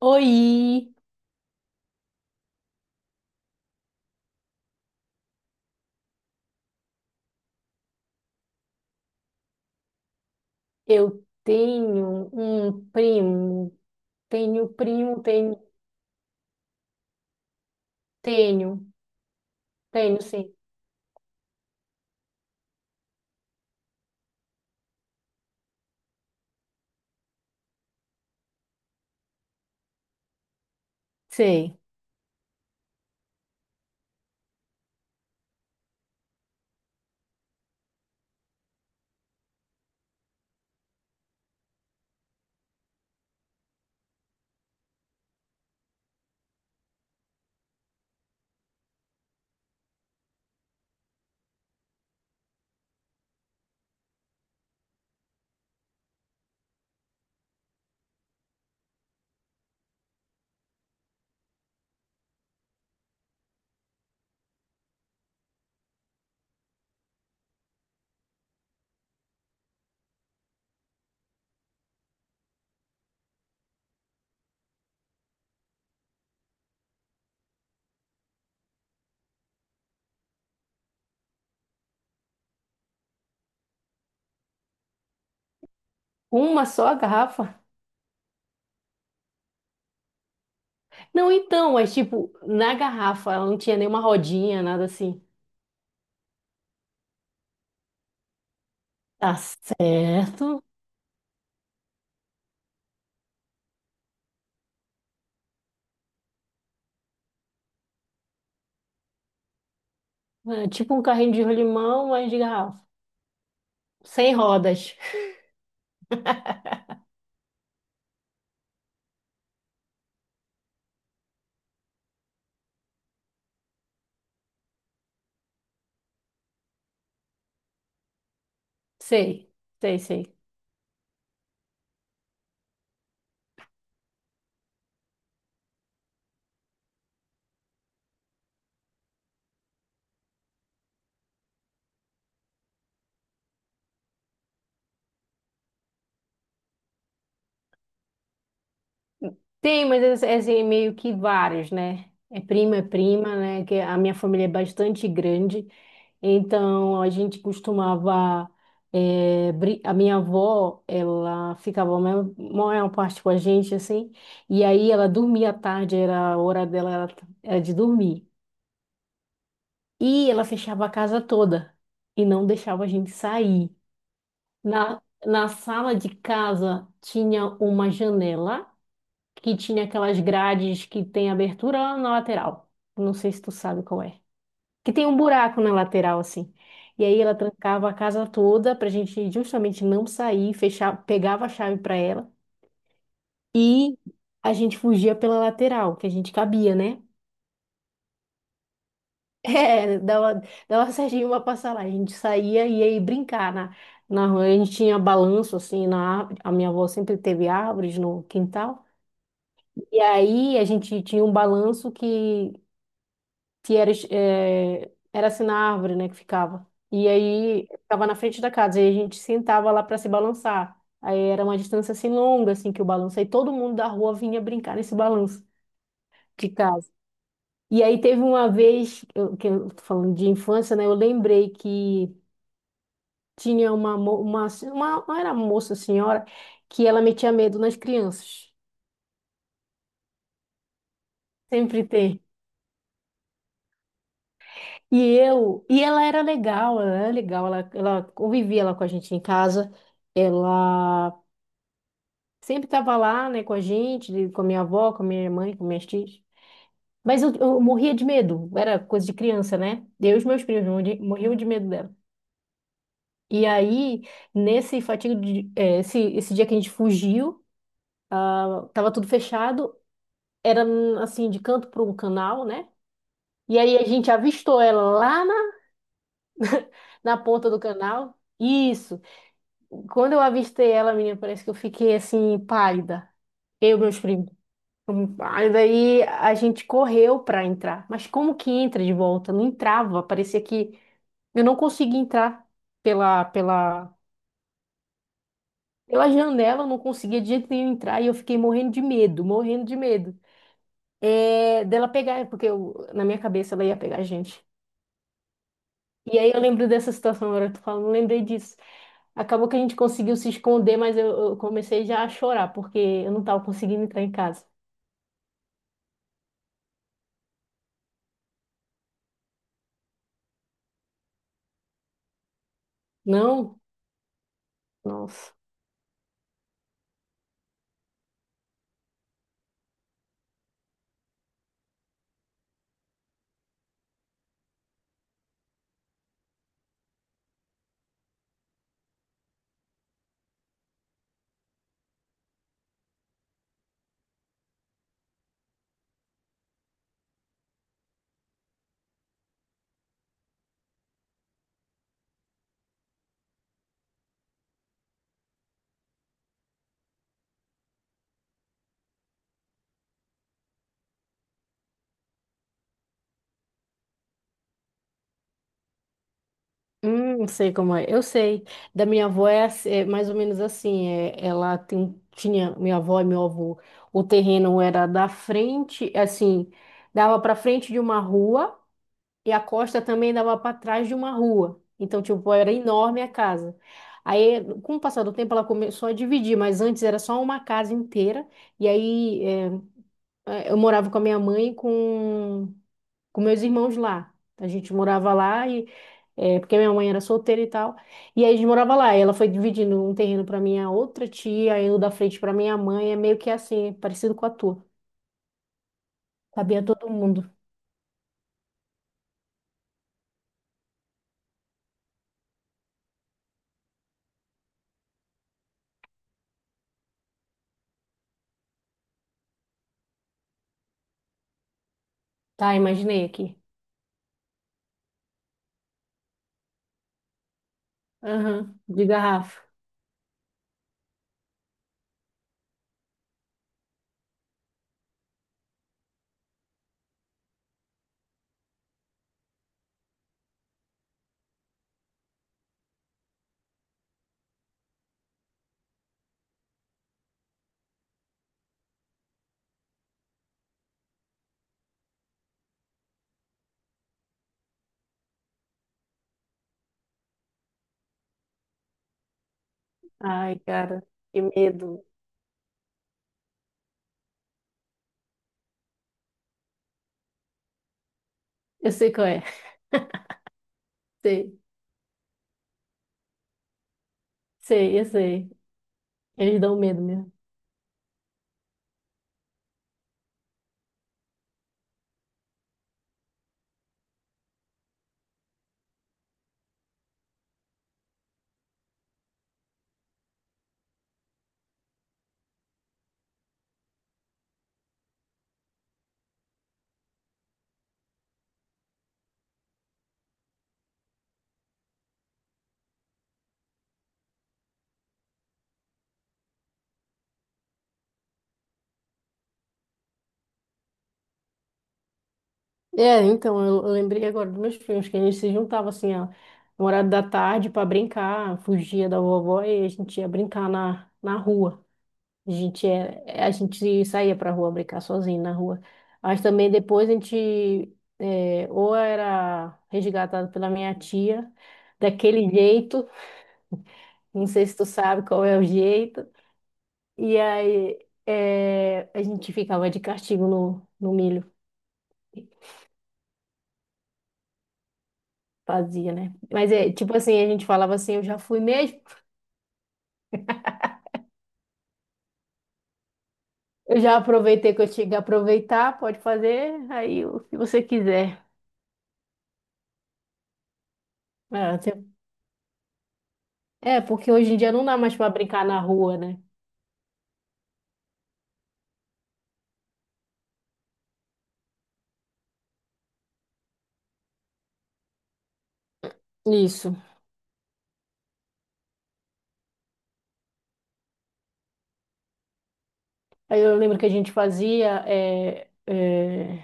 Oi, eu tenho um primo, tenho, tenho, tenho, sim. Sei. Uma só garrafa? Não, então, mas tipo, na garrafa ela não tinha nenhuma rodinha, nada assim. Tá certo. É tipo um carrinho de rolimão, mas de garrafa. Sem rodas. Sei, sei, sei. Tem, mas é assim, meio que vários, né? É prima, né? Que a minha família é bastante grande. Então, a gente costumava. A minha avó, ela ficava a maior parte com a gente, assim. E aí ela dormia à tarde, era a hora dela, era de dormir. E ela fechava a casa toda e não deixava a gente sair. Na, Na sala de casa tinha uma janela que tinha aquelas grades que tem abertura na lateral. Não sei se tu sabe qual é. Que tem um buraco na lateral, assim. E aí ela trancava a casa toda pra gente justamente não sair, fechar, pegava a chave pra ela e a gente fugia pela lateral, que a gente cabia, né? É, dava, dava certinho pra passar lá. A gente saía e ia brincar na rua. A gente tinha balanço, assim, na árvore. A minha avó sempre teve árvores no quintal. E aí a gente tinha um balanço que era, era assim na árvore, né, que ficava. E aí ficava na frente da casa, e a gente sentava lá para se balançar. Aí era uma distância assim longa, assim, que o balanço. Aí todo mundo da rua vinha brincar nesse balanço de casa. E aí teve uma vez, eu, que eu tô falando de infância, né, eu lembrei que tinha uma, não era moça, senhora, que ela metia medo nas crianças. Sempre tem. E eu, e ela era legal, ela era legal, ela convivia lá com a gente em casa, ela sempre estava lá, né, com a gente, com a minha avó, com a minha mãe, com minhas tias. Mas eu morria de medo, era coisa de criança, né? Eu e os meus primos morriam de medo dela. E aí, nesse fatigo de, esse dia que a gente fugiu, tava tudo fechado, era assim, de canto para um canal, né? E aí a gente avistou ela lá na ponta do canal. Isso. Quando eu avistei ela, menina, parece que eu fiquei assim, pálida. Eu e meus primos. Hum. Aí daí a gente correu pra entrar. Mas como que entra de volta? Não entrava. Parecia que eu não conseguia entrar pela, pela, pela janela, eu não conseguia de jeito nenhum entrar. E eu fiquei morrendo de medo, morrendo de medo. É, dela pegar, porque na minha cabeça ela ia pegar a gente. E aí eu lembro dessa situação, agora eu tô falando, lembrei disso. Acabou que a gente conseguiu se esconder, mas eu comecei já a chorar, porque eu não estava conseguindo entrar em casa. Não? Nossa. Não sei como é. Eu sei. Da minha avó é, é mais ou menos assim. É, ela tinha, minha avó e meu avô, o terreno era da frente, assim, dava para frente de uma rua e a costa também dava para trás de uma rua. Então, tipo, era enorme a casa. Aí, com o passar do tempo, ela começou a dividir, mas antes era só uma casa inteira. E aí, eu morava com a minha mãe e com meus irmãos lá. A gente morava lá e porque minha mãe era solteira e tal. E aí a gente morava lá. E ela foi dividindo um terreno para minha outra tia, aí o da frente para minha mãe. É meio que assim, é parecido com a tua. Cabia todo mundo. Tá, imaginei aqui. Aham, de garrafa. Ai, cara, que medo. Eu sei qual é. Sei, sei, eu sei. Eles dão medo mesmo. É, então, eu lembrei agora dos meus filhos, que a gente se juntava assim, ó, no horário da tarde para brincar, fugia da vovó e a gente ia brincar na rua. A gente, a gente saía pra rua brincar sozinho na rua. Mas também depois a gente ou era resgatado pela minha tia, daquele jeito, não sei se tu sabe qual é o jeito, e aí é, a gente ficava de castigo no milho. Fazia, né? Mas é tipo assim, a gente falava assim, eu já fui mesmo, eu já aproveitei que eu tinha que aproveitar, pode fazer aí o que você quiser. É, você- É, porque hoje em dia não dá mais para brincar na rua, né? Isso. Aí eu lembro que a gente fazia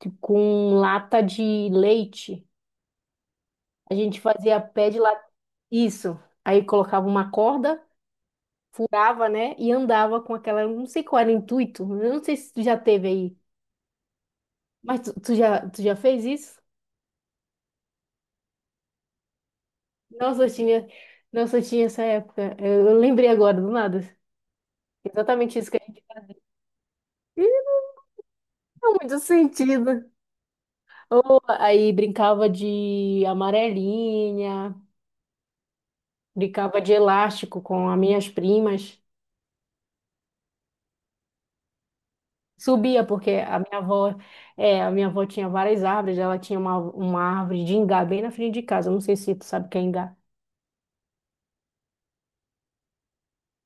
tipo, com lata de leite. A gente fazia pé de lata. Isso. Aí colocava uma corda, furava, né? E andava com aquela. Não sei qual era o intuito. Eu não sei se tu já teve aí. Mas tu já fez isso? Nossa, eu tinha, nossa, eu tinha essa época. Eu lembrei agora, do nada. Exatamente isso que a gente. Não, muito sentido. Aí brincava de amarelinha, brincava de elástico com as minhas primas. Subia, porque a minha avó, a minha avó tinha várias árvores, ela tinha uma árvore de ingá bem na frente de casa. Não sei se tu sabe o que é ingá.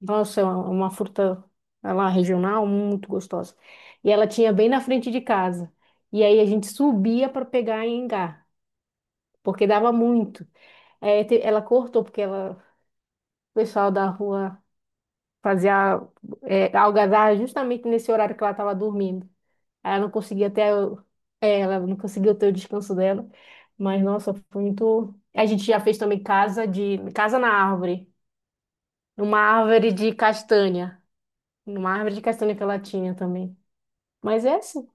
Nossa, é uma fruta é lá regional muito gostosa. E ela tinha bem na frente de casa. E aí a gente subia para pegar ingá. Porque dava muito. É, ela cortou, porque ela, o pessoal da rua fazia algazarra justamente nesse horário que ela estava dormindo. Aí ela não conseguia ela não conseguiu ter o descanso dela. Mas, nossa, foi muito. A gente já fez também casa na árvore, numa árvore de castanha, numa árvore de castanha que ela tinha também. Mas é assim.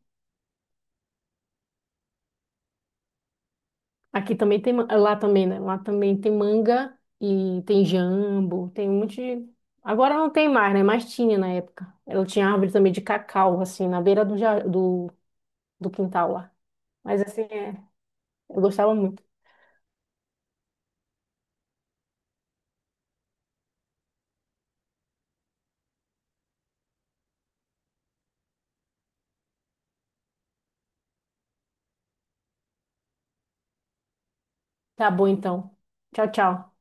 Aqui também tem, lá também, né? Lá também tem manga e tem jambo, tem um monte de... Agora não tem mais, né? Mas tinha na época. Ela tinha árvore também de cacau, assim, na beira do quintal lá. Mas assim, é, eu gostava muito. Tá bom, então. Tchau, tchau.